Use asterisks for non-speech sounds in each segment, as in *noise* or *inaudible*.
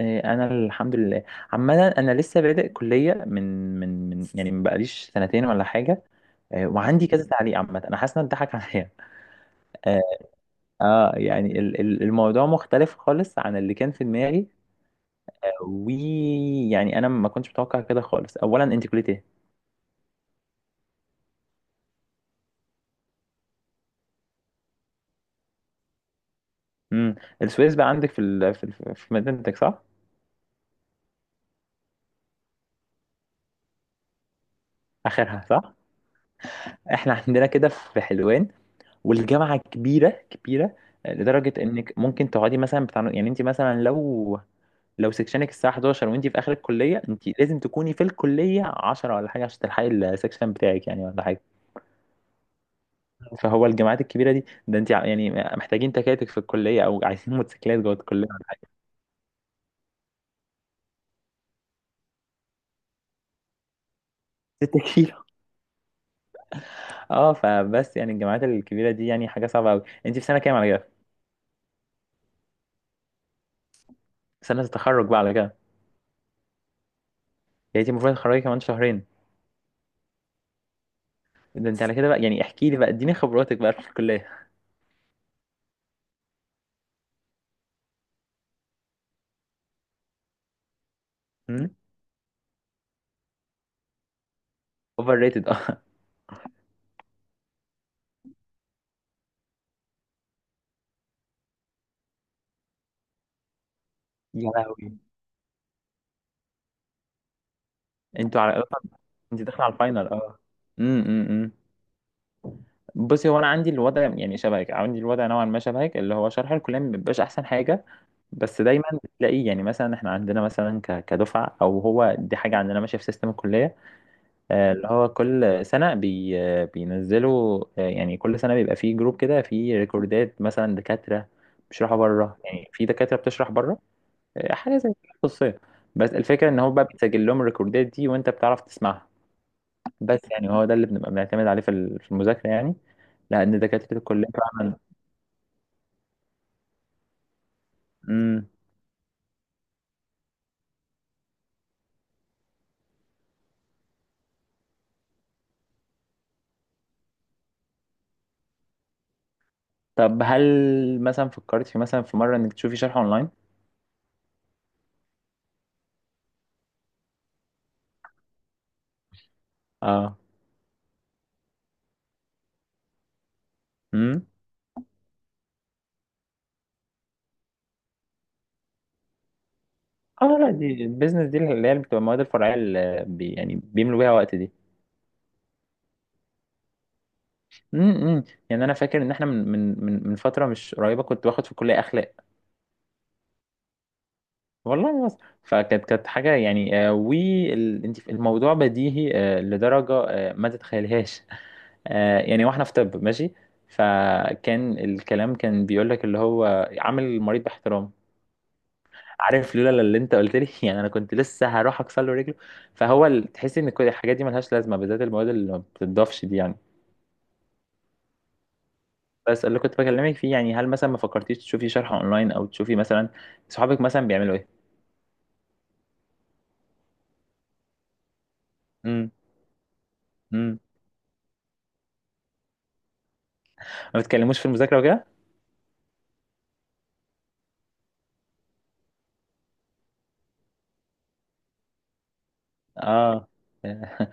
إيه، انا الحمد لله. عمدا انا لسه بادئ كليه من يعني ما بقاليش سنتين ولا حاجه. إيه، وعندي كذا تعليق. عامه انا حاسس ان اتضحك عليا. *laughs* اه. الموضوع مختلف خالص عن اللي كان في دماغي. ويعني انا ما كنتش متوقع كده خالص. اولا انت كليه ايه؟ امم. السويس بقى عندك في مدينتك، صح؟ اخرها، صح. احنا عندنا كده في حلوان، والجامعه كبيره كبيره. لدرجه انك ممكن تقعدي مثلا بتاع، يعني انت مثلا لو، لو سكشنك الساعة 11 وانتي في آخر الكلية، انتي لازم تكوني في الكلية 10 ولا حاجة عشان تلحقي السكشن بتاعك يعني ولا حاجة. فهو الجامعات الكبيرة دي، ده انتي يعني محتاجين تكاتك في الكلية، او عايزين *laughs* موتوسيكلات جوه الكلية ولا حاجة. 6 كيلو. اه، فبس يعني الجامعات الكبيرة دي يعني حاجة صعبة قوي. انتي في سنة كام على كده؟ سنة التخرج بقى على كده. يعني انتي المفروض تتخرجي كمان شهرين. ده انتي على كده بقى، يعني احكي لي بقى، اديني خبراتك بقى في الكلية. امم. اوفر ريتد، اه. *laughs* يا لهوي. انتوا على، انتي داخلة على الفاينل، اه. امم، امم. بصي، هو انا عندي الوضع يعني شبهك، عندي الوضع نوعا ما شبهك، اللي هو شرح الكليه ما بيبقاش احسن حاجه. بس دايما بتلاقي يعني، مثلا احنا عندنا مثلا كدفعه، او هو دي حاجه عندنا ماشيه في سيستم الكليه. اللي هو كل سنه بي آه، بينزلوا، يعني كل سنه بيبقى فيه جروب كده فيه ريكوردات مثلا. دكاتره بيشرحوا بره، يعني في دكاتره بتشرح بره. حاجه زي كده خصوصيه. بس الفكره ان هو بقى بيتسجل لهم الريكوردات دي، وانت بتعرف تسمعها. بس يعني هو ده اللي بنبقى بنعتمد عليه في المذاكرة يعني، لأن دكاترة الكلية فعلا. امم. طب هل مثلا فكرت في، مثلا في مرة، إنك تشوفي شرح أونلاين؟ اه. امم. اه، لا، دي البيزنس دي اللي هي اللي بتبقى المواد الفرعية اللي بي يعني بيملوا بيها وقت دي. امم. يعني أنا فاكر إن إحنا من فترة مش قريبة كنت باخد في الكلية أخلاق، والله بس. فكانت كانت حاجة يعني، وانت الموضوع بديهي لدرجة ما تتخيلهاش. *laughs* آه، يعني واحنا في طب، ماشي. فكان الكلام كان بيقول لك اللي هو عامل المريض باحترام. عارف، لولا اللي انت قلت لي *laughs* يعني انا كنت لسه هروح اكسر له رجله. فهو تحس ان كل الحاجات دي ملهاش لازمة، بالذات المواد اللي ما بتضافش دي يعني. بس اللي كنت بكلمك فيه يعني، هل مثلا ما فكرتيش تشوفي شرح اونلاين، او تشوفي مثلا صحابك مثلا بيعملوا ايه؟ امم، امم. ما بتكلموش في المذاكرة وكده؟ اه. *laughs*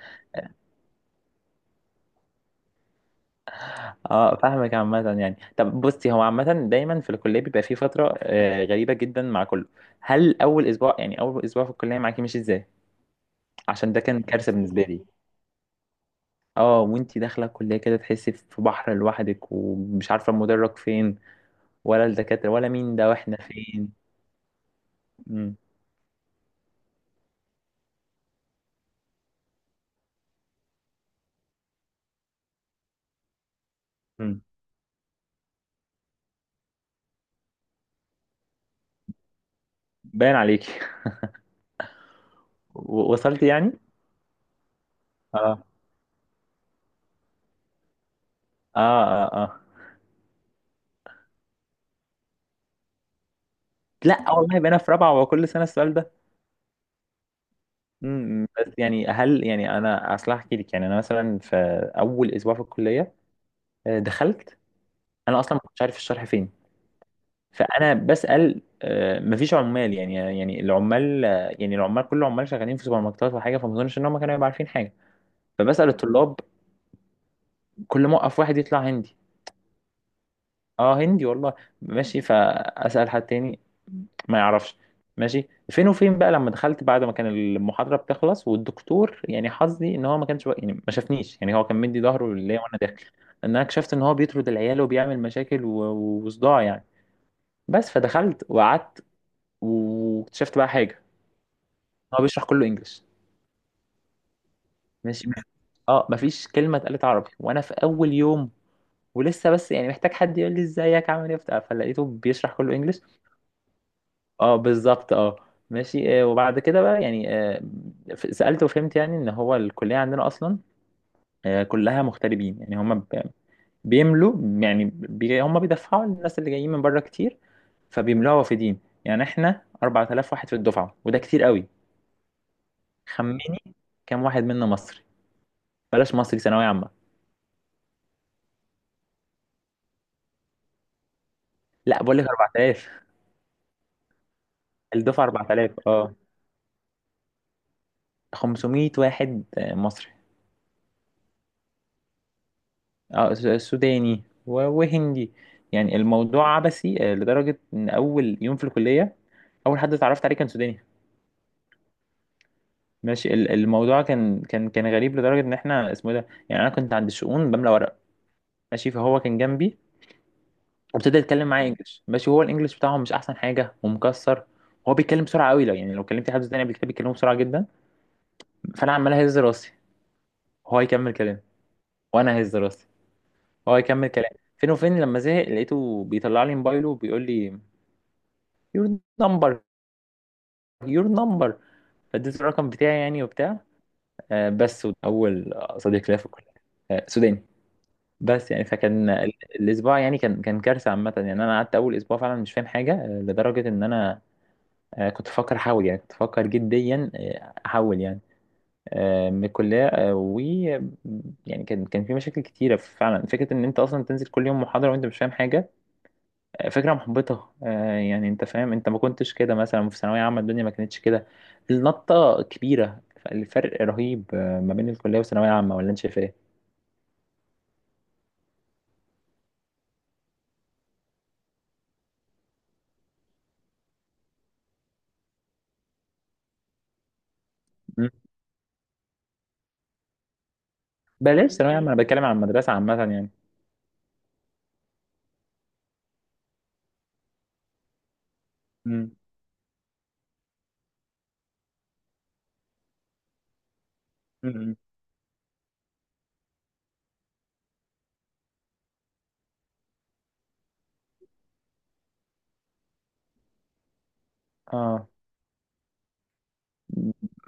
اه، فاهمك. عامة يعني، طب بصي، هو عامة دايما في الكلية بيبقى في فترة غريبة جدا مع كله. هل أول أسبوع، يعني أول أسبوع في الكلية، معاكي مش ازاي؟ عشان ده كان كارثة بالنسبة لي. اه، وانتي داخلة الكلية كده تحسي في بحر لوحدك، ومش عارفة المدرج فين، ولا الدكاترة، ولا مين ده، واحنا فين. مم. مم. باين عليكي. *laughs* وصلتي يعني؟ اه، اه، اه. اه، لا والله، بقينا في رابعة وكل سنة السؤال ده. امم. بس يعني هل يعني، انا اصل احكي لك يعني، انا مثلا في اول اسبوع في الكليه. دخلت. انا اصلا ما كنتش عارف الشرح فين. فانا بسال، مفيش عمال، يعني، يعني العمال، يعني العمال، كل العمال شغالين في سوبر ماركتات وحاجه، فما اظنش ان هم كانوا يبقوا عارفين حاجه. فبسال الطلاب، كل ما اوقف واحد يطلع هندي. اه، هندي والله. ماشي، فاسال حد تاني، ما يعرفش. ماشي، فين وفين بقى لما دخلت، بعد ما كان المحاضره بتخلص، والدكتور يعني حظي ان هو ما كانش يعني ما شافنيش، يعني هو كان مدي ظهره ليا وانا داخل. ان انا اكتشفت ان هو بيطرد العيال وبيعمل مشاكل وصداع يعني. بس، فدخلت وقعدت. واكتشفت بقى حاجه، هو بيشرح كله انجلش. ماشي. اه، مفيش كلمه اتقالت عربي وانا في اول يوم، ولسه بس يعني محتاج حد يقول لي ازيك عامل ايه بتاع، فلقيته بيشرح كله انجلش. اه، بالظبط، اه. ماشي، وبعد كده بقى يعني، سألت وفهمت يعني ان هو الكلية عندنا اصلا كلها مغتربين، يعني هم بيملوا يعني هم بيدفعوا للناس اللي جايين من بره كتير. فبيملوها وافدين، يعني احنا 4000 واحد في الدفعة، وده كتير قوي. خمني كام واحد منا مصري، بلاش مصري، ثانوية عامة؟ لا، بقول لك 4000. الدفعة 4000، اه. 500 واحد مصري، سوداني وهندي. يعني الموضوع عبثي، لدرجة إن أول يوم في الكلية، أول حد اتعرفت عليه كان سوداني. ماشي، الموضوع كان كان كان غريب لدرجة إن إحنا اسمه إيه ده يعني. أنا كنت عند الشؤون بملى ورق، ماشي، فهو كان جنبي، وابتدى يتكلم معايا إنجلش. ماشي، هو الإنجلش بتاعه مش أحسن حاجة ومكسر. هو بيتكلم بسرعة قوي، لو يعني لو كلمت حد سوداني قبل كده بيتكلموا بسرعة جدا. فأنا عمال أهز راسي، هو يكمل كلام، وأنا أهز راسي، هو يكمل كلام. فين وفين لما زهق لقيته بيطلع لي موبايله وبيقول لي your number، يور نمبر. فاديته الرقم بتاعي يعني وبتاع. بس اول صديق ليا في الكليه سوداني. بس يعني، فكان الاسبوع يعني كان كان كارثه. عامه يعني انا قعدت اول اسبوع فعلا مش فاهم حاجه، لدرجه ان انا كنت بفكر احول، يعني كنت بفكر جديا احول يعني، من الكليه، آه، و، يعني كان كان في مشاكل كتيره فعلا. فكره ان انت اصلا تنزل كل يوم محاضره وانت مش فاهم حاجه، فكرة محبطة. يعني انت فاهم، انت ما كنتش كده مثلا في ثانوية عامة، الدنيا ما كانتش كده. النطة كبيرة، الفرق رهيب ما بين الكلية والثانوية عامة، ولا انت شايف ايه؟ مم. بلاش ثانوية عامة، انا بتكلم عن المدرسة عامة يعني. مم. مم. اه،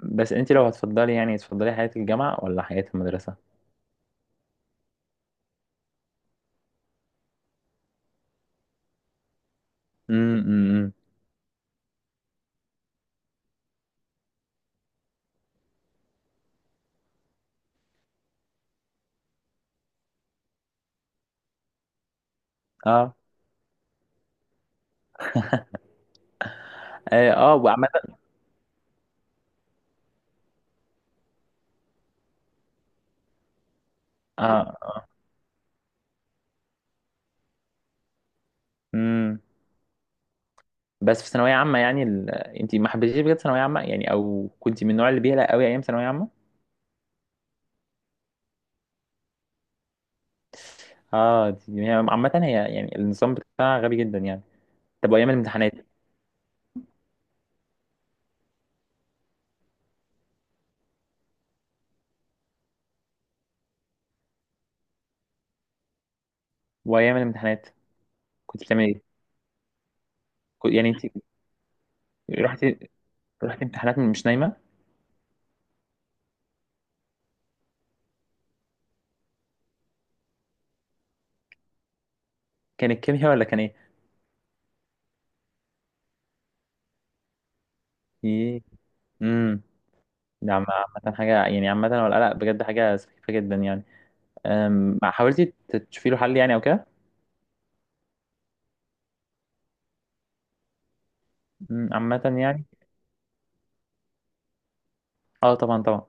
بس انت لو هتفضلي، يعني تفضلي حياة الجامعة ولا حياة المدرسة؟ امم، امم. اه، اه. وعامة، اه، اه. امم. بس في ثانوية عامة يعني انت ما حبيتيش بجد ثانوية عامة يعني، او كنت من النوع اللي بيقلق قوي ايام ثانوية عامة؟ اه، هي عامة، هي يعني النظام بتاعها غبي جدا يعني. طب وايام الامتحانات. وايام الامتحانات كنت بتعمل ايه؟ كنت يعني انت، رحت، رحت امتحانات مش نايمة. كانت كيمياء ولا كان ايه؟ ايه. امم. ده عامة حاجة، يعني عامة هو القلق بجد حاجة سخيفة جدا يعني. حاولتي تشوفي له حل يعني او كده؟ أمم، عامة يعني. اه، طبعا، طبعا.